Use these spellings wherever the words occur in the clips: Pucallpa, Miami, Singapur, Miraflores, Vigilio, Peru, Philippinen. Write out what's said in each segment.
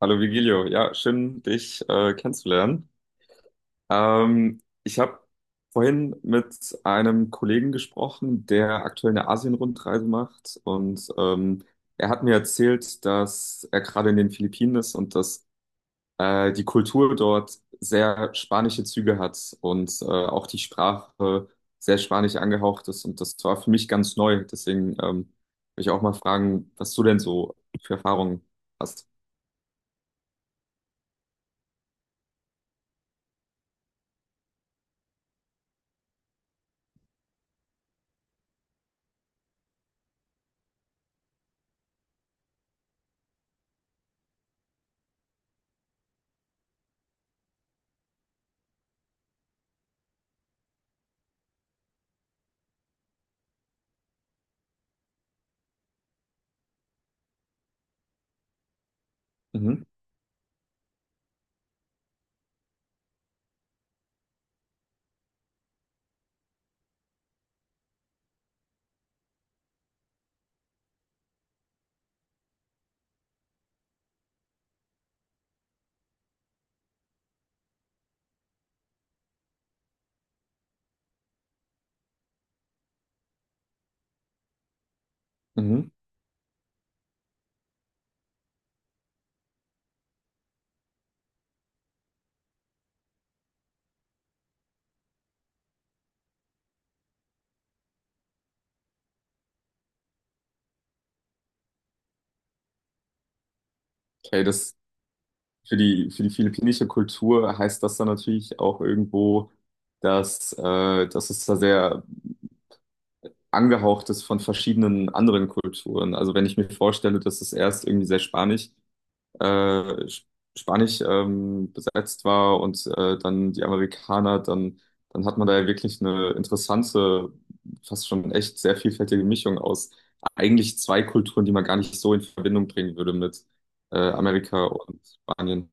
Hallo Vigilio, ja, schön, dich kennenzulernen. Ich habe vorhin mit einem Kollegen gesprochen, der aktuell eine Asien-Rundreise macht, und er hat mir erzählt, dass er gerade in den Philippinen ist und dass die Kultur dort sehr spanische Züge hat und auch die Sprache sehr spanisch angehaucht ist, und das war für mich ganz neu. Deswegen will ich auch mal fragen, was du denn so für Erfahrungen hast. Mhm. Mhm. Okay, das für die philippinische Kultur heißt das dann natürlich auch irgendwo, dass es da sehr angehaucht ist von verschiedenen anderen Kulturen. Also wenn ich mir vorstelle, dass es erst irgendwie sehr spanisch, äh, sp- spanisch besetzt war und dann die Amerikaner, dann, dann hat man da ja wirklich eine interessante, fast schon echt sehr vielfältige Mischung aus eigentlich zwei Kulturen, die man gar nicht so in Verbindung bringen würde mit Amerika und Spanien.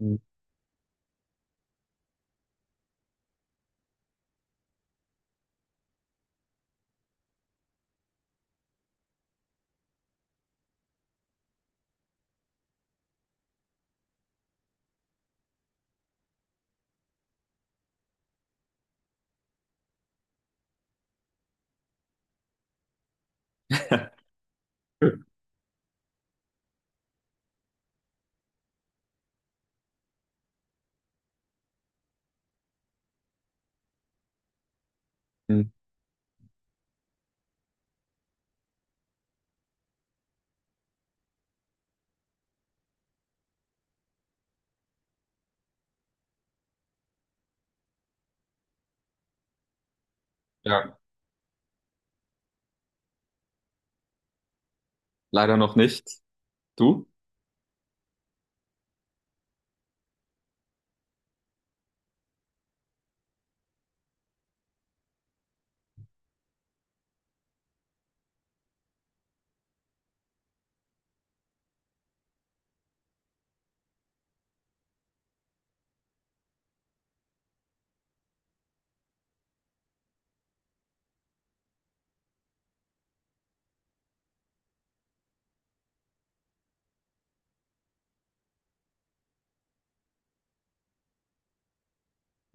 Mhm. Ja. Leider noch nicht. Du?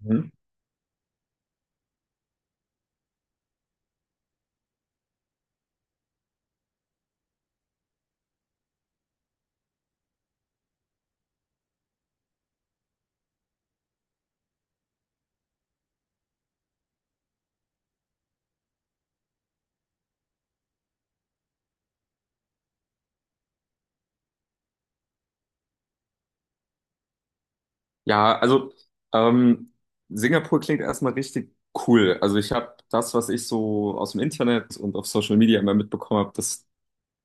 Mhm. Ja, also ähm, Singapur klingt erstmal richtig cool. Also ich habe das, was ich so aus dem Internet und auf Social Media immer mitbekommen habe, das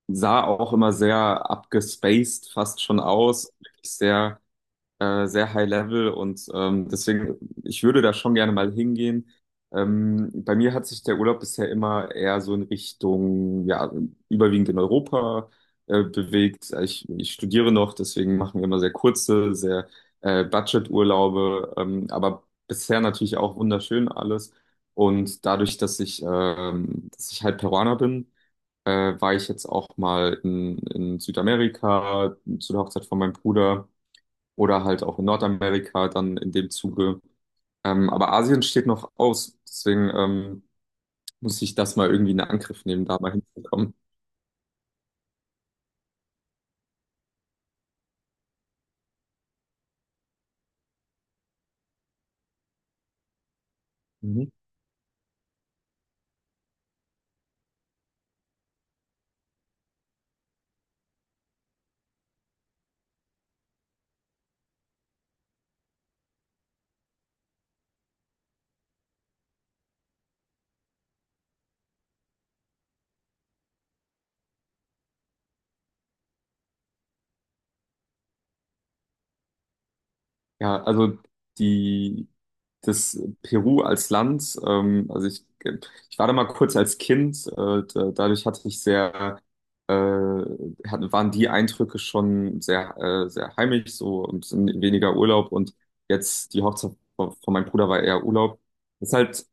sah auch immer sehr abgespaced fast schon aus. Wirklich sehr sehr high level, und deswegen, ich würde da schon gerne mal hingehen. Bei mir hat sich der Urlaub bisher immer eher so in Richtung, ja, überwiegend in Europa bewegt. Ich studiere noch, deswegen machen wir immer sehr kurze, sehr Budget-Urlaube, aber bisher natürlich auch wunderschön alles. Und dadurch, dass ich halt Peruaner bin, war ich jetzt auch mal in Südamerika zu der Hochzeit von meinem Bruder oder halt auch in Nordamerika dann in dem Zuge. Aber Asien steht noch aus, deswegen muss ich das mal irgendwie in Angriff nehmen, da mal hinzukommen. Mhm. Ja, also die, das Peru als Land, also ich war da mal kurz als Kind, da, dadurch hatte ich sehr, waren die Eindrücke schon sehr, sehr heimisch so und sind weniger Urlaub, und jetzt die Hochzeit von meinem Bruder war eher Urlaub. Ist halt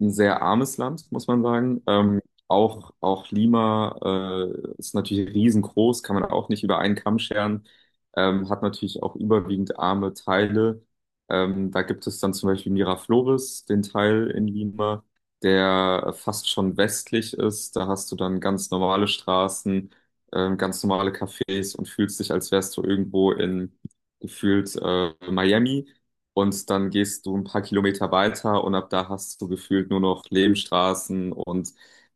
ein sehr armes Land, muss man sagen. Auch, auch Lima ist natürlich riesengroß, kann man auch nicht über einen Kamm scheren, hat natürlich auch überwiegend arme Teile. Da gibt es dann zum Beispiel Miraflores, den Teil in Lima, der fast schon westlich ist. Da hast du dann ganz normale Straßen, ganz normale Cafés und fühlst dich, als wärst du irgendwo in gefühlt Miami. Und dann gehst du ein paar Kilometer weiter, und ab da hast du gefühlt nur noch Lehmstraßen, und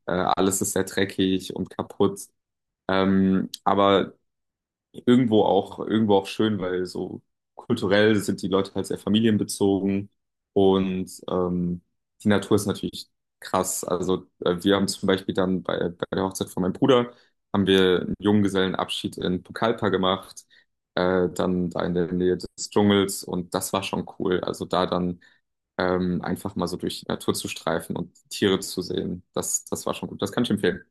alles ist sehr dreckig und kaputt. Aber irgendwo auch schön, weil so kulturell sind die Leute halt sehr familienbezogen, und die Natur ist natürlich krass. Also wir haben zum Beispiel dann bei, bei der Hochzeit von meinem Bruder haben wir einen Junggesellenabschied in Pucallpa gemacht, dann da in der Nähe des Dschungels, und das war schon cool. Also da dann einfach mal so durch die Natur zu streifen und Tiere zu sehen, das, das war schon gut. Das kann ich empfehlen.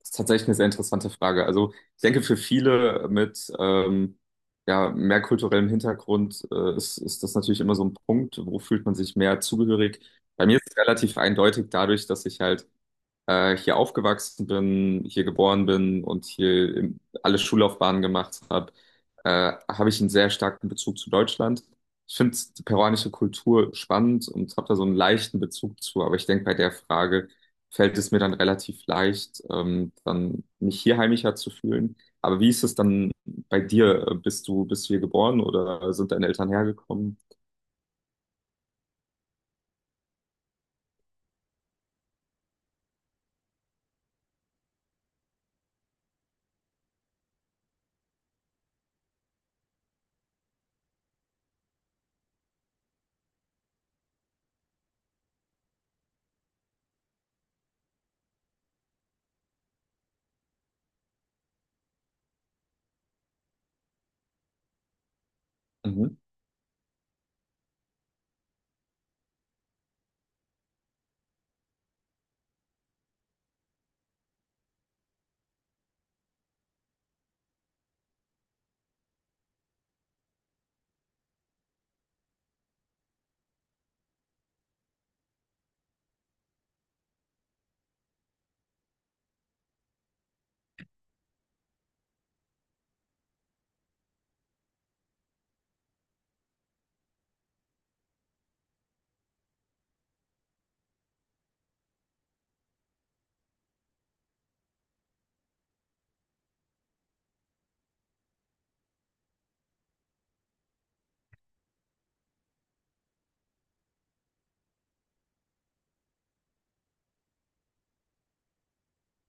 Das ist tatsächlich eine sehr interessante Frage. Also ich denke, für viele mit ja, mehr kulturellem Hintergrund ist, ist das natürlich immer so ein Punkt, wo fühlt man sich mehr zugehörig. Bei mir ist es relativ eindeutig dadurch, dass ich halt hier aufgewachsen bin, hier geboren bin und hier im- alle Schullaufbahnen gemacht habe, habe ich einen sehr starken Bezug zu Deutschland. Ich finde die peruanische Kultur spannend und habe da so einen leichten Bezug zu, aber ich denke, bei der Frage fällt es mir dann relativ leicht, dann mich hier heimischer zu fühlen. Aber wie ist es dann bei dir? Bist du hier geboren oder sind deine Eltern hergekommen? Mhm.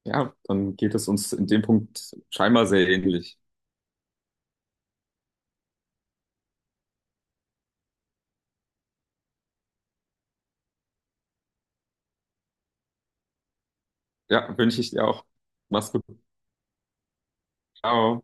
Ja, dann geht es uns in dem Punkt scheinbar sehr ähnlich. Ja, wünsche ich dir auch. Mach's gut. Ciao.